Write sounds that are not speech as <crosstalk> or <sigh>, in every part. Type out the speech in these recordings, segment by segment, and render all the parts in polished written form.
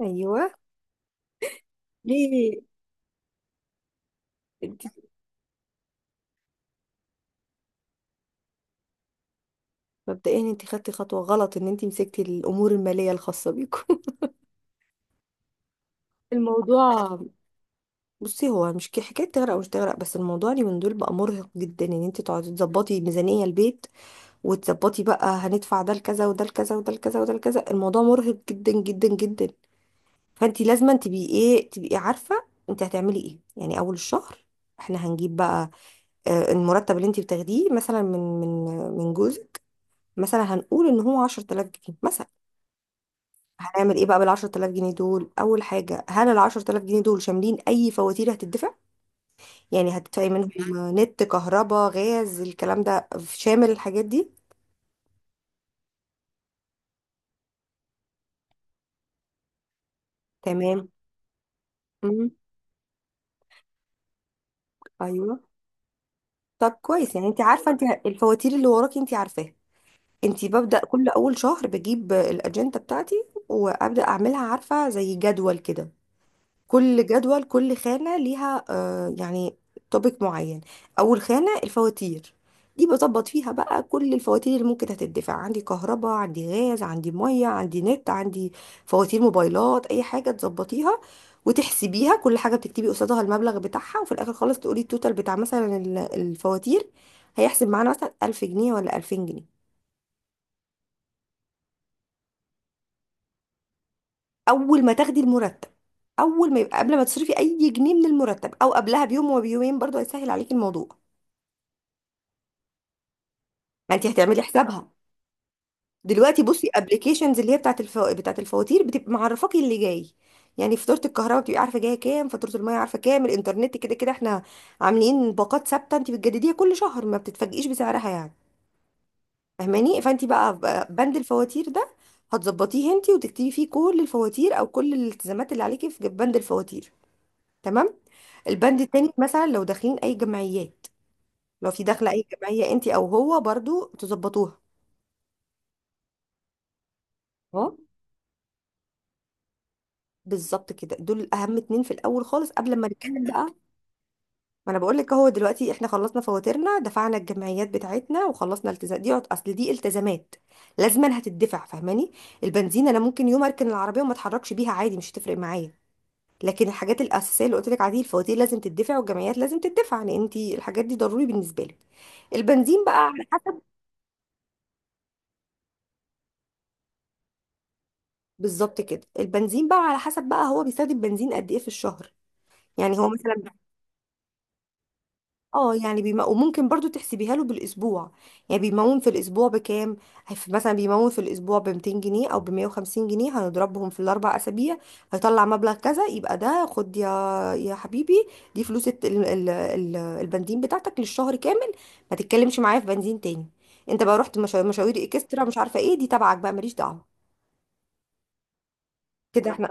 ايوه. ليه؟ انت مبدئيا انت خدتي خطوه غلط ان انت مسكتي الامور الماليه الخاصه بيكم. <laughs> الموضوع، بصي هو مش حكايه تغرق او مش تغرق، بس الموضوع اليومين دول بقى مرهق جدا ان انت تقعدي تظبطي ميزانيه البيت وتظبطي بقى هندفع ده لكذا وده لكذا وده لكذا وده لكذا. الموضوع مرهق جدا جدا جدا. فانت لازم تبقي ايه، تبقي عارفه انت هتعملي ايه يعني اول الشهر. احنا هنجيب بقى المرتب اللي انت بتاخديه مثلا من من جوزك، مثلا هنقول ان هو 10000 جنيه مثلا. هنعمل ايه بقى بالعشرة آلاف جنيه دول؟ اول حاجة، هل العشرة آلاف جنيه دول شاملين اي فواتير هتدفع؟ يعني هتدفعي منهم نت، كهرباء، غاز، الكلام ده؟ شامل الحاجات دي؟ تمام. مم. ايوه. طب كويس، يعني انت عارفة، انت الفواتير اللي وراكي انت عارفاها. انت ببدأ كل اول شهر بجيب الاجندة بتاعتي وابدأ اعملها، عارفة، زي جدول كده. كل جدول، كل خانة ليها يعني توبيك معين. أول خانة الفواتير، دي بظبط فيها بقى كل الفواتير اللي ممكن هتدفع. عندي كهرباء، عندي غاز، عندي مية، عندي نت، عندي فواتير موبايلات، أي حاجة تظبطيها وتحسبيها. كل حاجة بتكتبي قصادها المبلغ بتاعها، وفي الآخر خالص تقولي التوتال بتاع مثلا الفواتير، هيحسب معانا مثلا 1000 جنيه ولا 2000 جنيه. أول ما تاخدي المرتب، أول ما يبقى، قبل ما تصرفي أي جنيه من المرتب، أو قبلها بيوم وبيومين برضو، هيسهل عليكي الموضوع. ما انت هتعملي حسابها دلوقتي. بصي، ابلكيشنز اللي هي بتاعت بتاعت الفواتير بتبقى معرفاكي اللي جاي، يعني فاتوره الكهرباء بتبقي عارفه جايه كام، فاتوره الميه عارفه كام، الانترنت كده كده احنا عاملين باقات ثابته انت بتجدديها كل شهر، ما بتتفاجئيش بسعرها يعني. فاهماني؟ فانت بقى بند الفواتير ده هتظبطيه انت وتكتبي فيه كل الفواتير او كل الالتزامات اللي عليكي في بند الفواتير. تمام. البند التاني مثلا لو داخلين اي جمعيات، لو في داخله اي جمعيه انت او هو، برضو تظبطوها. اه، بالظبط كده. دول اهم اتنين في الاول خالص قبل ما نتكلم بقى. ما انا بقول لك اهو، دلوقتي احنا خلصنا فواتيرنا، دفعنا الجمعيات بتاعتنا وخلصنا التزام، دي اصل دي التزامات لازما هتدفع. فاهماني؟ البنزين انا ممكن يوم اركن العربيه وما اتحركش بيها عادي، مش هتفرق معايا. لكن الحاجات الاساسيه اللي قلت لك عليه، الفواتير لازم تدفع، والجمعيات لازم تدفع، لان انت الحاجات دي ضروري بالنسبه لك. البنزين بقى على حسب. بالظبط كده. البنزين بقى على حسب بقى هو بيستخدم بنزين قد ايه في الشهر. يعني هو مثلا، اه يعني وممكن برضو تحسبيها له بالاسبوع. يعني بيمون في الاسبوع بكام؟ مثلا بيمون في الاسبوع ب 200 جنيه او ب 150 جنيه، هنضربهم في الاربع اسابيع، هيطلع مبلغ كذا، يبقى ده خد يا حبيبي، دي فلوس البنزين بتاعتك للشهر كامل. ما تتكلمش معايا في بنزين تاني. انت بقى رحت مشاوير اكسترا مش عارفه ايه، دي تبعك بقى، ماليش دعوه. كده احنا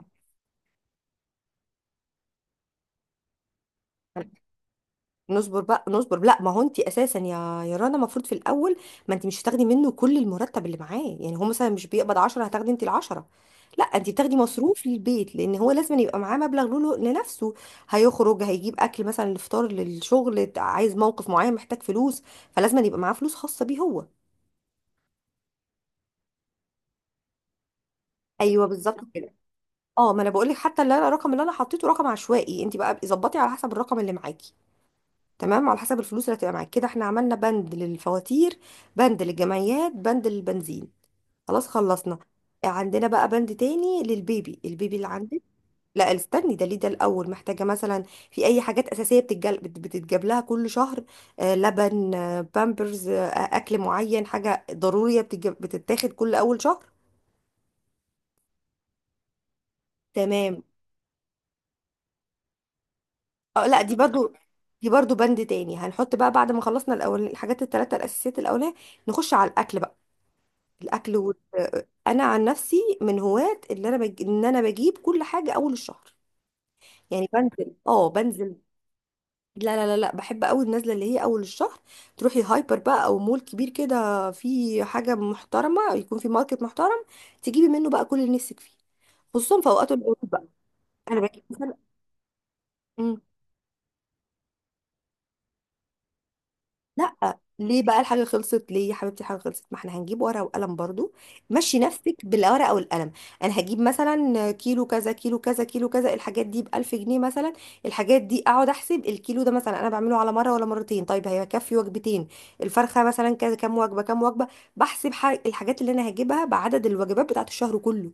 نصبر بقى، نصبر. لا، ما هو انت اساسا يا رنا المفروض في الاول، ما انت مش هتاخدي منه كل المرتب اللي معاه. يعني هو مثلا مش بيقبض 10 هتاخدي انت ال 10. لا، انت بتاخدي مصروف للبيت، لان هو لازم يبقى معاه مبلغ له لنفسه. هيخرج، هيجيب اكل مثلا، الفطار للشغل، عايز موقف معين، محتاج فلوس، فلازم يبقى معاه فلوس خاصه بيه هو. ايوه، بالظبط كده. اه، ما انا بقول لك حتى اللي انا الرقم اللي انا حطيته رقم عشوائي، انت بقى ظبطي على حسب الرقم اللي معاكي. تمام، على حسب الفلوس اللي هتبقى معاك. كده احنا عملنا بند للفواتير، بند للجمعيات، بند للبنزين. خلاص خلصنا. عندنا بقى بند تاني للبيبي، البيبي اللي عندك. لا، استني، ده ليه ده؟ الاول، محتاجه مثلا في اي حاجات اساسيه بتتجاب لها كل شهر؟ آه لبن، آه بامبرز، آه اكل معين، حاجه ضروريه بتتاخد كل اول شهر. تمام. اه، لا دي برضو، دي برضو بند تاني هنحط بقى بعد ما خلصنا الاول الحاجات الثلاثه الاساسيات الاولانيه. نخش على الاكل بقى، الاكل انا عن نفسي من هواة اللي انا ان انا بجيب كل حاجه اول الشهر. يعني بنزل، اه بنزل. لا لا لا لا، بحب قوي النزله اللي هي اول الشهر. تروحي هايبر بقى او مول كبير كده، في حاجه محترمه، يكون في ماركت محترم، تجيبي منه بقى كل اللي نفسك فيه، خصوصا في اوقات العروض بقى. انا بجيب مثلا، إمم. لا ليه بقى الحاجة خلصت؟ ليه يا حبيبتي الحاجة خلصت؟ ما احنا هنجيب ورقة وقلم برضو، مشي نفسك بالورقة والقلم. انا هجيب مثلا كيلو كذا، كيلو كذا، كيلو كذا، الحاجات دي بألف جنيه مثلا. الحاجات دي اقعد احسب الكيلو ده مثلا انا بعمله على مرة ولا مرتين، طيب هيكفي وجبتين؟ الفرخة مثلا كذا، كام وجبة كام وجبة؟ بحسب الحاجات اللي انا هجيبها بعدد الوجبات بتاعت الشهر كله.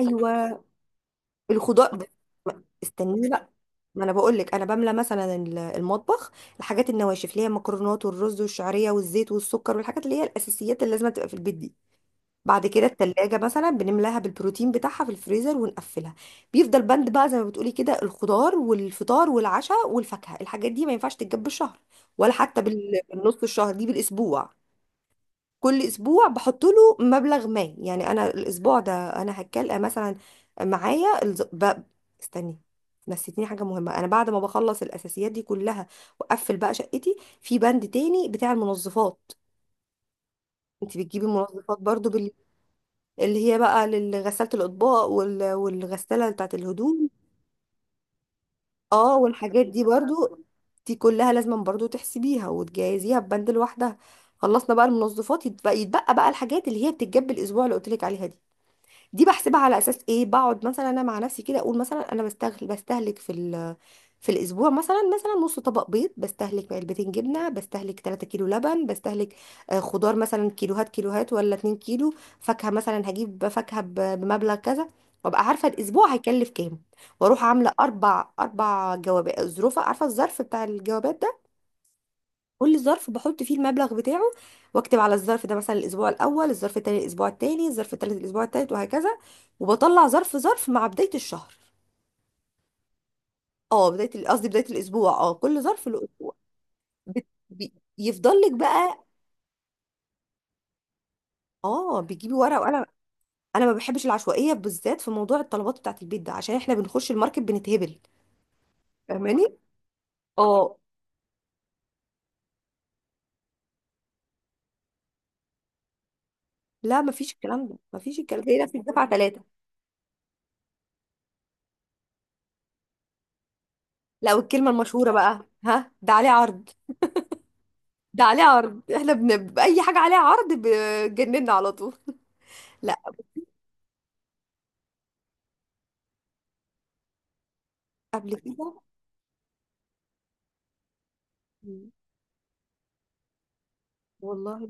ايوه. الخضار ده- استنيني بقى. ما انا بقول لك انا بملى مثلا المطبخ، الحاجات النواشف اللي هي المكرونات والرز والشعريه والزيت والسكر والحاجات اللي هي الاساسيات اللي لازم تبقى في البيت دي. بعد كده التلاجة مثلا بنملاها بالبروتين بتاعها في الفريزر ونقفلها. بيفضل بند بقى زي ما بتقولي كده، الخضار والفطار والعشاء والفاكهه، الحاجات دي ما ينفعش تتجاب بالشهر ولا حتى بالنص الشهر، دي بالاسبوع. كل اسبوع بحط له مبلغ ما. يعني انا الاسبوع ده، انا هتكلم مثلا، معايا استني، نسيتني حاجه مهمه. انا بعد ما بخلص الاساسيات دي كلها واقفل بقى شقتي، في بند تاني بتاع المنظفات. انت بتجيبي منظفات برضو اللي هي بقى لغساله الاطباق والغساله بتاعت الهدوم. اه، والحاجات دي برضو، دي كلها لازم برضو تحسبيها وتجهزيها ببند لوحدها. خلصنا بقى المنظفات، يتبقى بقى الحاجات اللي هي بتتجاب الاسبوع اللي قلت لك عليها دي. دي بحسبها على اساس ايه؟ بقعد مثلا انا مع نفسي كده اقول مثلا انا بستهلك، في في الاسبوع مثلا نص طبق بيض، بستهلك علبتين جبنه، بستهلك 3 كيلو لبن، بستهلك خضار مثلا كيلوهات ولا 2 كيلو، فاكهه مثلا هجيب فاكهه بمبلغ كذا، وابقى عارفه الاسبوع هيكلف كام. واروح عامله اربع اربع جوابات، ظروف، عارفه الظرف بتاع الجوابات ده، كل ظرف بحط فيه المبلغ بتاعه، واكتب على الظرف ده مثلا الاسبوع الاول، الظرف التاني الاسبوع التاني، الظرف التالت الاسبوع التالت، وهكذا. وبطلع ظرف ظرف مع بداية الشهر. اه بداية قصدي بداية الاسبوع، اه كل ظرف له اسبوع. يفضل لك بقى. اه، بتجيبي ورقة وقلم. انا ما بحبش العشوائية بالذات في موضوع الطلبات بتاعت البيت ده، عشان احنا بنخش الماركت بنتهبل. فاهماني؟ اه. لا ما فيش الكلام ده، ما فيش الكلام ده هنا في الدفعة ثلاثة. لا، والكلمة المشهورة بقى، ها ده عليه عرض. ده عليه عرض، احنا بأي حاجة عليها عرض بجننا على طول. لا، قبل كده. مم. والله.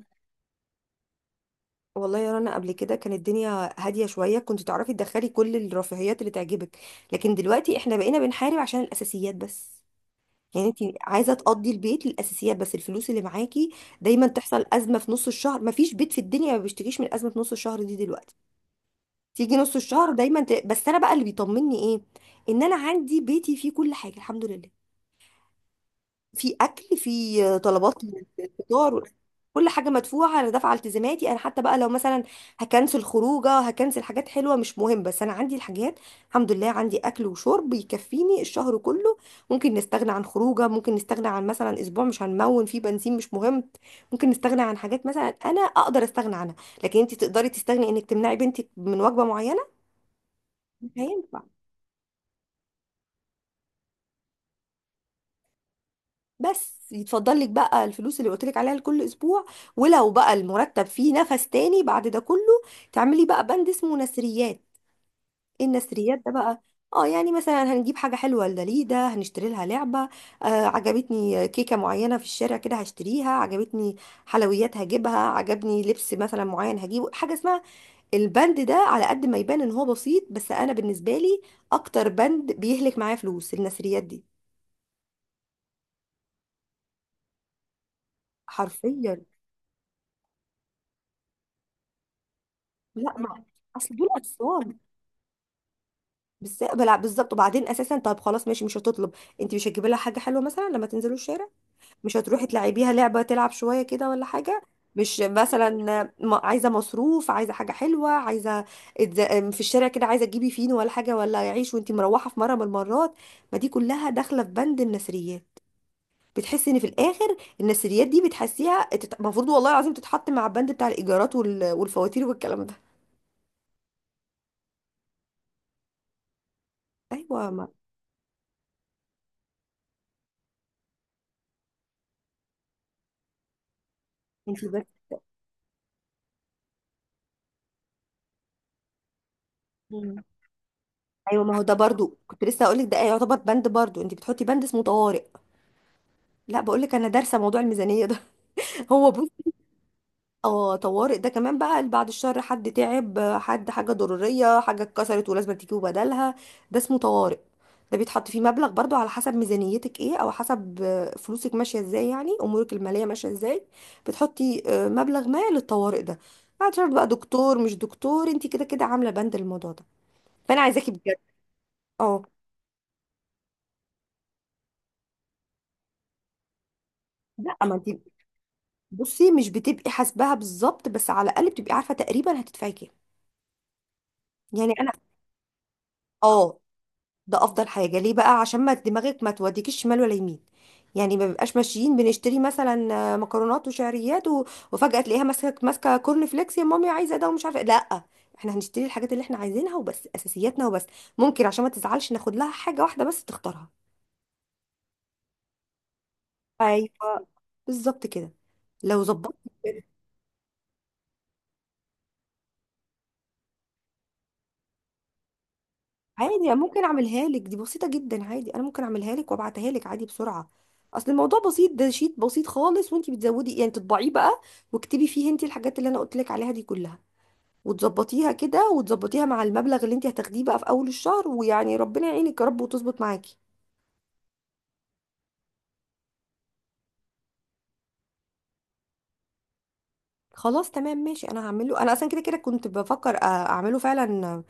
والله يا رنا، قبل كده كانت الدنيا هادية شوية، كنت تعرفي تدخلي كل الرفاهيات اللي تعجبك، لكن دلوقتي احنا بقينا بنحارب عشان الأساسيات بس. يعني انت عايزة تقضي البيت للأساسيات بس الفلوس اللي معاكي. دايما تحصل أزمة في نص الشهر، مفيش بيت في الدنيا ما بيشتكيش من أزمة في نص الشهر دي دلوقتي. تيجي نص الشهر دايما بس انا بقى اللي بيطمني ايه، ان انا عندي بيتي فيه كل حاجة الحمد لله. في اكل، في طلبات من الفطار، كل حاجه مدفوعه، انا دافعه التزاماتي. انا حتى بقى لو مثلا هكنسل خروجه، هكنسل حاجات حلوه، مش مهم، بس انا عندي الحاجات. الحمد لله عندي اكل وشرب يكفيني الشهر كله. ممكن نستغنى عن خروجه، ممكن نستغنى عن مثلا اسبوع مش هنمون فيه بنزين، مش مهم. ممكن نستغنى عن حاجات مثلا انا اقدر استغنى عنها، لكن انت تقدري تستغني انك تمنعي بنتك من وجبه معينه؟ مش هينفع. بس يتفضل لك بقى الفلوس اللي قلت لك عليها لكل اسبوع. ولو بقى المرتب فيه نفس تاني بعد ده كله، تعملي بقى بند اسمه نسريات. ايه النسريات ده بقى؟ اه، يعني مثلا هنجيب حاجه حلوه لداليدا، هنشتري لها لعبه، آه عجبتني كيكه معينه في الشارع كده هشتريها، عجبتني حلويات هجيبها، عجبني لبس مثلا معين هجيبه. حاجه اسمها البند ده، على قد ما يبان ان هو بسيط، بس انا بالنسبه لي اكتر بند بيهلك معايا فلوس النسريات دي. حرفيا. لا ما اصل دول اطفال. بس، بلا، بالظبط. وبعدين اساسا طب خلاص ماشي مش هتطلب. انت مش هتجيبي لها حاجه حلوه مثلا لما تنزلوا الشارع؟ مش هتروحي تلعبيها لعبه تلعب شويه كده ولا حاجه؟ مش مثلا عايزه مصروف، عايزه حاجه حلوه، عايزه، في الشارع كده عايزه تجيبي فينو ولا حاجه ولا عيش وانت مروحه في مره من المرات؟ ما دي كلها داخله في بند النثريات. بتحسي ان في الاخر النثريات دي بتحسيها المفروض والله العظيم تتحط مع البند بتاع الايجارات والفواتير والكلام ده. ايوه ما انت بس. ايوه ما هو ده برضو كنت لسه هقول لك، ده يعتبر بند برضو، انت بتحطي بند اسمه طوارئ. لا بقول لك انا دارسه موضوع الميزانيه ده. <laughs> هو بص، اه طوارئ ده كمان بقى، اللي بعد الشر حد تعب، حد حاجه ضروريه، حاجه اتكسرت ولازم تجيبوا بدلها، ده اسمه طوارئ. ده بيتحط فيه مبلغ برضو على حسب ميزانيتك ايه، او حسب فلوسك ماشيه ازاي، يعني امورك الماليه ماشيه ازاي. بتحطي مبلغ ما للطوارئ ده، بعد شر بقى دكتور مش دكتور، انت كده كده عامله بند الموضوع ده. فانا عايزاكي بجد. اه. لا ما انت، بصي مش بتبقي حاسباها بالظبط، بس على الاقل بتبقي عارفه تقريبا هتدفعي كام. يعني انا، اه، ده افضل حاجه ليه بقى، عشان ما دماغك ما توديكيش شمال ولا يمين. يعني ما بيبقاش ماشيين بنشتري مثلا مكرونات وشعريات وفجاه تلاقيها ماسكه كورن فليكس، يا مامي عايزه ده ومش عارفه إيه. لا، احنا هنشتري الحاجات اللي احنا عايزينها وبس، اساسياتنا وبس. ممكن عشان ما تزعلش ناخد لها حاجه واحده بس تختارها. ايوه، بالظبط كده. لو ظبطت، عادي أنا ممكن اعملها لك، دي بسيطة جدا، عادي انا ممكن اعملها لك وابعتها لك عادي بسرعة. اصل الموضوع بسيط، ده شيت بسيط خالص، وانتي بتزودي يعني تطبعيه بقى واكتبي فيه انتي الحاجات اللي انا قلت لك عليها دي كلها، وتظبطيها كده، وتظبطيها مع المبلغ اللي انتي هتاخديه بقى في اول الشهر، ويعني ربنا يعينك يا رب وتظبط معاكي. خلاص تمام ماشي، انا هعمله، انا اصلا كده كده كنت بفكر اعمله فعلا،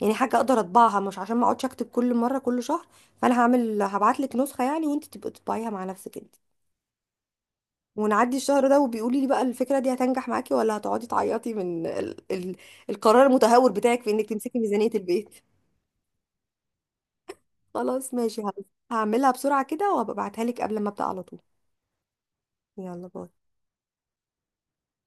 يعني حاجة اقدر اطبعها، مش عشان ما اقعدش اكتب كل مرة كل شهر. فانا هعمل، هبعت لك نسخة يعني، وانتي تبقي تطبعيها مع نفسك انتي. ونعدي الشهر ده وبيقولي لي بقى الفكرة دي هتنجح معاكي، ولا هتقعدي تعيطي من القرار المتهور بتاعك في انك تمسكي ميزانية البيت؟ خلاص ماشي، هعملها بسرعة كده وهبقى ابعتها لك قبل ما ابدأ على طول. يلا باي.